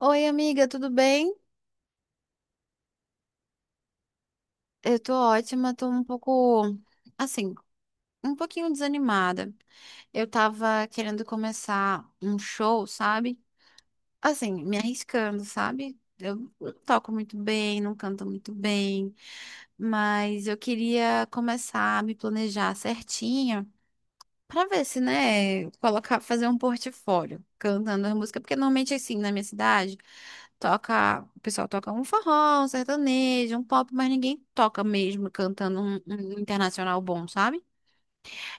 Oi, amiga, tudo bem? Eu tô ótima, tô um pouco, assim, um pouquinho desanimada. Eu tava querendo começar um show, sabe? Assim, me arriscando, sabe? Eu não toco muito bem, não canto muito bem, mas eu queria começar a me planejar certinho. Pra ver se, né, colocar, fazer um portfólio cantando as músicas, porque normalmente assim, na minha cidade, o pessoal toca um forró, um sertanejo, um pop, mas ninguém toca mesmo cantando um internacional bom, sabe?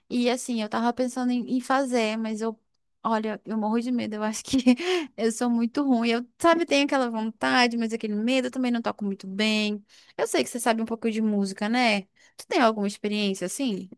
E assim, eu tava pensando em fazer, mas eu, olha, eu morro de medo, eu acho que eu sou muito ruim. Eu, sabe, tenho aquela vontade, mas aquele medo, eu também não toco muito bem. Eu sei que você sabe um pouco de música, né? Tu tem alguma experiência assim?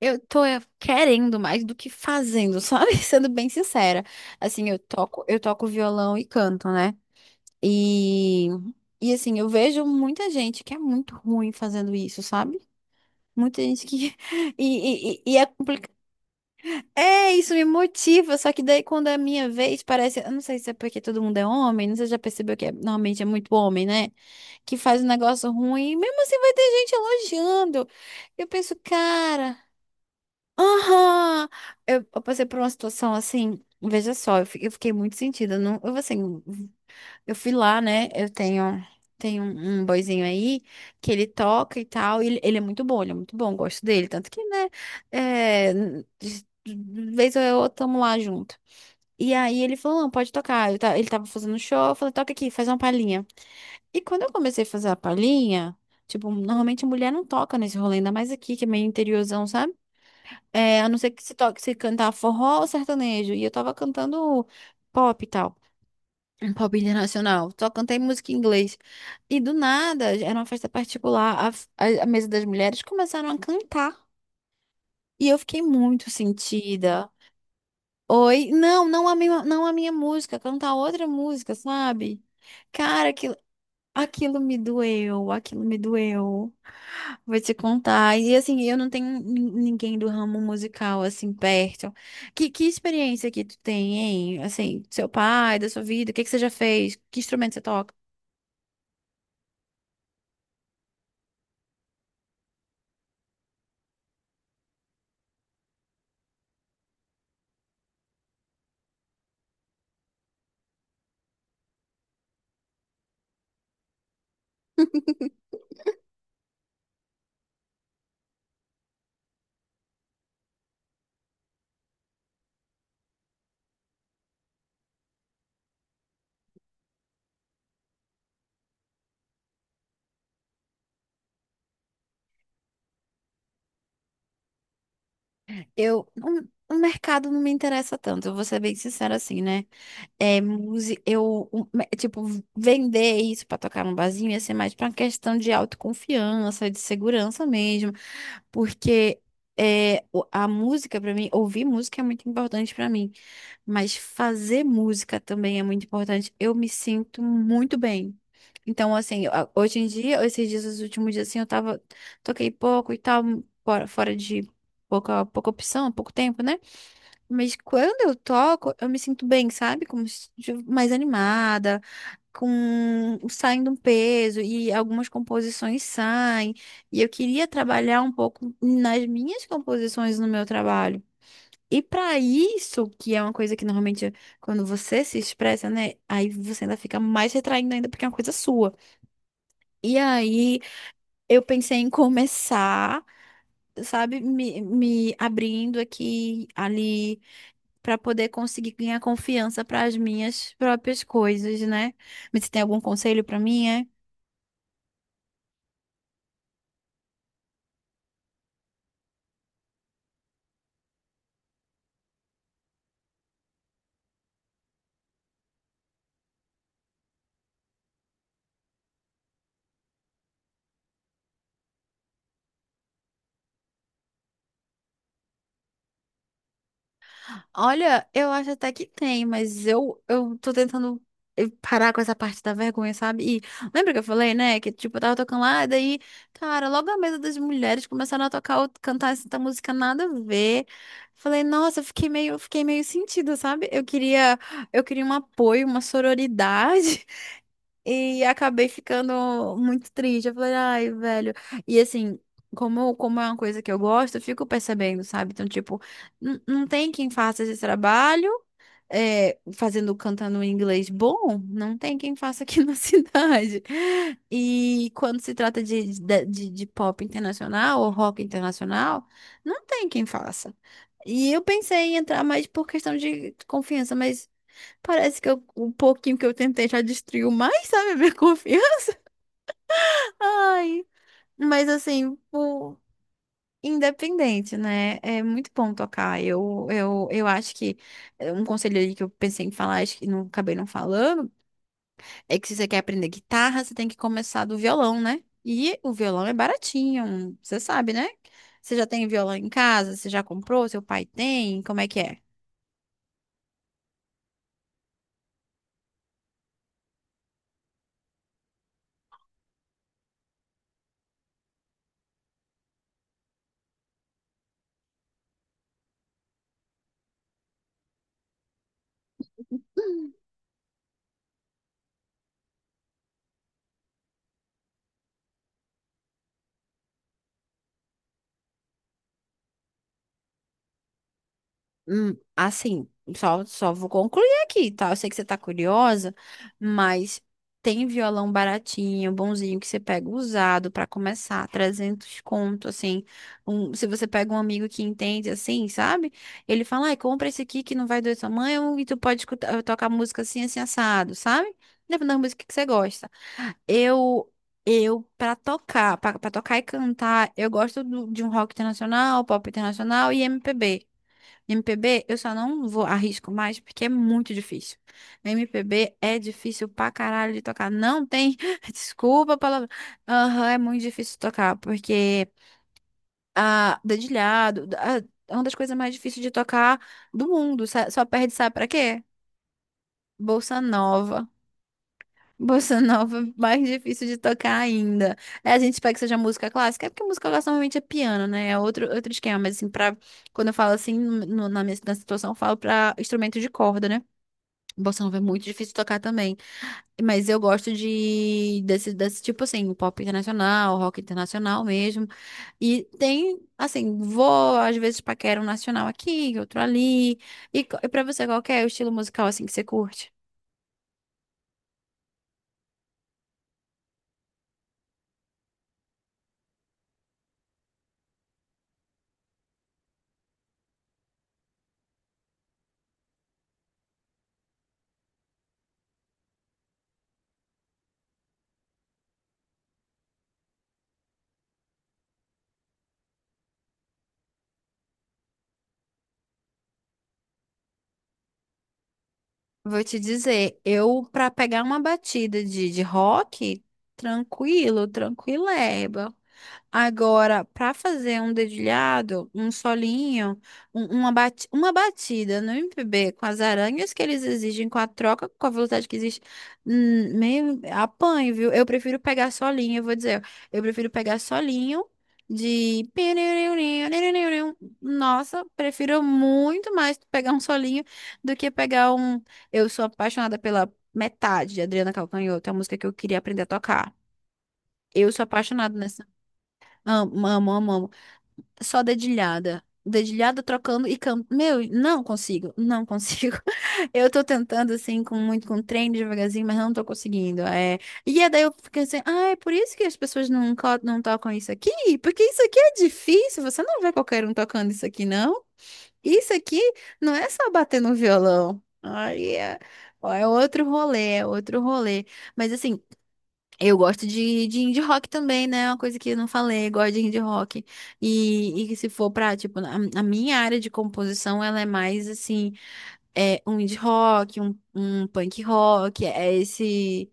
Eu tô querendo mais do que fazendo, sabe? Sendo bem sincera. Assim, eu toco violão e canto, né? E, e assim, eu vejo muita gente que é muito ruim fazendo isso, sabe? Muita gente que. E é complicado. É, isso me motiva, só que daí quando é a minha vez, parece. Eu não sei se é porque todo mundo é homem, não sei se já percebeu normalmente é muito homem, né? Que faz um negócio ruim, e mesmo assim vai ter gente elogiando. Eu penso, cara. Aham! Eu passei por uma situação assim, veja só, eu fiquei muito sentida. Não, eu, assim, eu fui lá, né? Eu tenho, tenho um boyzinho aí que ele toca e tal. E ele é muito bom, ele é muito bom, gosto dele. Tanto que, né? É, de vez ou outra, tamo lá junto. E aí ele falou: não, pode tocar. Ele tava fazendo show, eu falei: toca aqui, faz uma palhinha. E quando eu comecei a fazer a palhinha, tipo, normalmente mulher não toca nesse rolê, ainda mais aqui, que é meio interiorzão, sabe? É, a não ser que se toque, se cantar forró ou sertanejo. E eu tava cantando pop e tal. Um pop internacional. Só cantei música em inglês. E do nada, era uma festa particular. A mesa das mulheres começaram a cantar. E eu fiquei muito sentida. Oi, não, não a minha, não a minha música, cantar outra música, sabe? Cara, aquilo me doeu, aquilo me doeu. Vou te contar. E assim, eu não tenho ninguém do ramo musical assim perto. Que experiência que tu tem, hein? Assim, do seu pai, da sua vida, o que que você já fez? Que instrumento você toca? O mercado não me interessa tanto, eu vou ser bem sincera assim, né? Música, tipo, vender isso pra tocar num barzinho ia ser mais pra uma questão de autoconfiança, de segurança mesmo. Porque a música pra mim, ouvir música é muito importante pra mim. Mas fazer música também é muito importante. Eu me sinto muito bem. Então, assim, hoje em dia, esses dias, os últimos dias, assim, toquei pouco e tal, fora de pouca opção, pouco tempo, né? Mas quando eu toco, eu me sinto bem, sabe? Como se- Mais animada, com saindo um peso e algumas composições saem. E eu queria trabalhar um pouco nas minhas composições no meu trabalho. E para isso, que é uma coisa que normalmente quando você se expressa, né, aí você ainda fica mais retraindo ainda porque é uma coisa sua. E aí eu pensei em começar, sabe, me abrindo aqui, ali, para poder conseguir ganhar confiança para as minhas próprias coisas, né? Mas você tem algum conselho para mim? É? Olha, eu acho até que tem, mas eu tô tentando parar com essa parte da vergonha, sabe? E lembra que eu falei, né? Que tipo, eu tava tocando lá, e daí, cara, logo a mesa das mulheres começaram a tocar, cantar essa música nada a ver. Falei, nossa, eu fiquei meio sentida, sabe? Eu queria um apoio, uma sororidade. E acabei ficando muito triste. Eu falei, ai, velho. E assim, como é uma coisa que eu gosto, eu fico percebendo, sabe? Então, tipo, não tem quem faça esse trabalho fazendo cantando em inglês bom, não tem quem faça aqui na cidade. E quando se trata de pop internacional ou rock internacional, não tem quem faça. E eu pensei em entrar mais por questão de confiança, mas parece que o pouquinho que eu tentei já destruiu mais, sabe, a minha confiança. Ai, mas assim, independente, né? É muito bom tocar. Eu acho que é um conselho aí que eu pensei em falar, acho que não acabei não falando, é que se você quer aprender guitarra, você tem que começar do violão, né? E o violão é baratinho, você sabe, né? Você já tem violão em casa? Você já comprou? Seu pai tem? Como é que é? Assim, só vou concluir aqui, tá? Eu sei que você tá curiosa, mas tem violão baratinho, bonzinho, que você pega usado pra começar, 300 conto, assim. Se você pega um amigo que entende, assim, sabe? Ele fala, ai, compra esse aqui que não vai doer sua mãe, e tu pode escutar, tocar música assim, assim, assado, sabe? Depende da música que você gosta. Eu... Eu, pra tocar, pra, pra tocar e cantar, eu gosto de um rock internacional, pop internacional e MPB. MPB, eu só não vou arrisco mais porque é muito difícil. MPB é difícil pra caralho de tocar. Não tem, desculpa a palavra. Aham, é muito difícil de tocar porque dedilhado, é uma das coisas mais difíceis de tocar do mundo. Só perde, sabe pra quê? Bolsa Nova. Bossa nova, é mais difícil de tocar ainda. É, a gente espera que seja música clássica, é porque música clássica normalmente é piano, né? É outro esquema, mas assim, quando eu falo assim, na situação, eu falo pra instrumento de corda, né? Bossa nova é muito difícil de tocar também. Mas eu gosto desse tipo assim, pop internacional, rock internacional mesmo. E tem, assim, vou às vezes paquera um nacional aqui, outro ali. E pra você, qual que é o estilo musical assim que você curte? Vou te dizer, eu para pegar uma batida de rock, tranquilo, tranquileba. Agora, para fazer um dedilhado, um solinho, uma batida no MPB com as aranhas que eles exigem, com a troca, com a velocidade que existe, meio apanho, viu? Eu prefiro pegar solinho, eu vou dizer, eu prefiro pegar solinho de. Nossa, prefiro muito mais pegar um solinho do que pegar um. Eu sou apaixonada pela metade de Adriana Calcanhoto, é a música que eu queria aprender a tocar. Eu sou apaixonada nessa. Amo, amo, amo, amo. Só dedilhada. Dedilhada trocando e canto. Meu, não consigo, não consigo. Eu tô tentando, assim, com muito com treino devagarzinho, mas não tô conseguindo. E aí daí eu fiquei assim, ah, é por isso que as pessoas não tocam isso aqui? Porque isso aqui é difícil, você não vê qualquer um tocando isso aqui, não. Isso aqui não é só bater no violão. Aí é, ó, é outro rolê, é outro rolê. Mas assim. Eu gosto de indie rock também, né? É uma coisa que eu não falei, gosto de indie rock. E que se for pra, tipo, a minha área de composição, ela é mais assim, é um indie rock, um punk rock, é esse.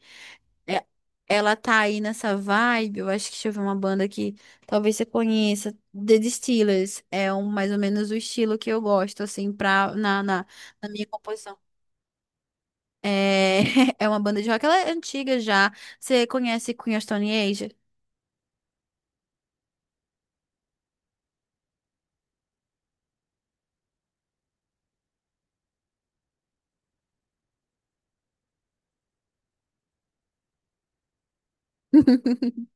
é- Ela tá aí nessa vibe. Eu acho que deixa eu ver uma banda que talvez você conheça, The Distillers. É mais ou menos o estilo que eu gosto, assim, na minha composição. É, é uma banda de rock, ela é antiga já. Você conhece Queen of Stone Age?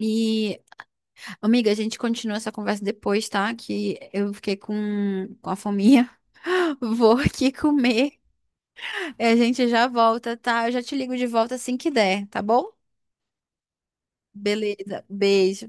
E, amiga, a gente continua essa conversa depois, tá? Que eu fiquei com a fominha. Vou aqui comer. E a gente já volta, tá? Eu já te ligo de volta assim que der, tá bom? Beleza, beijo.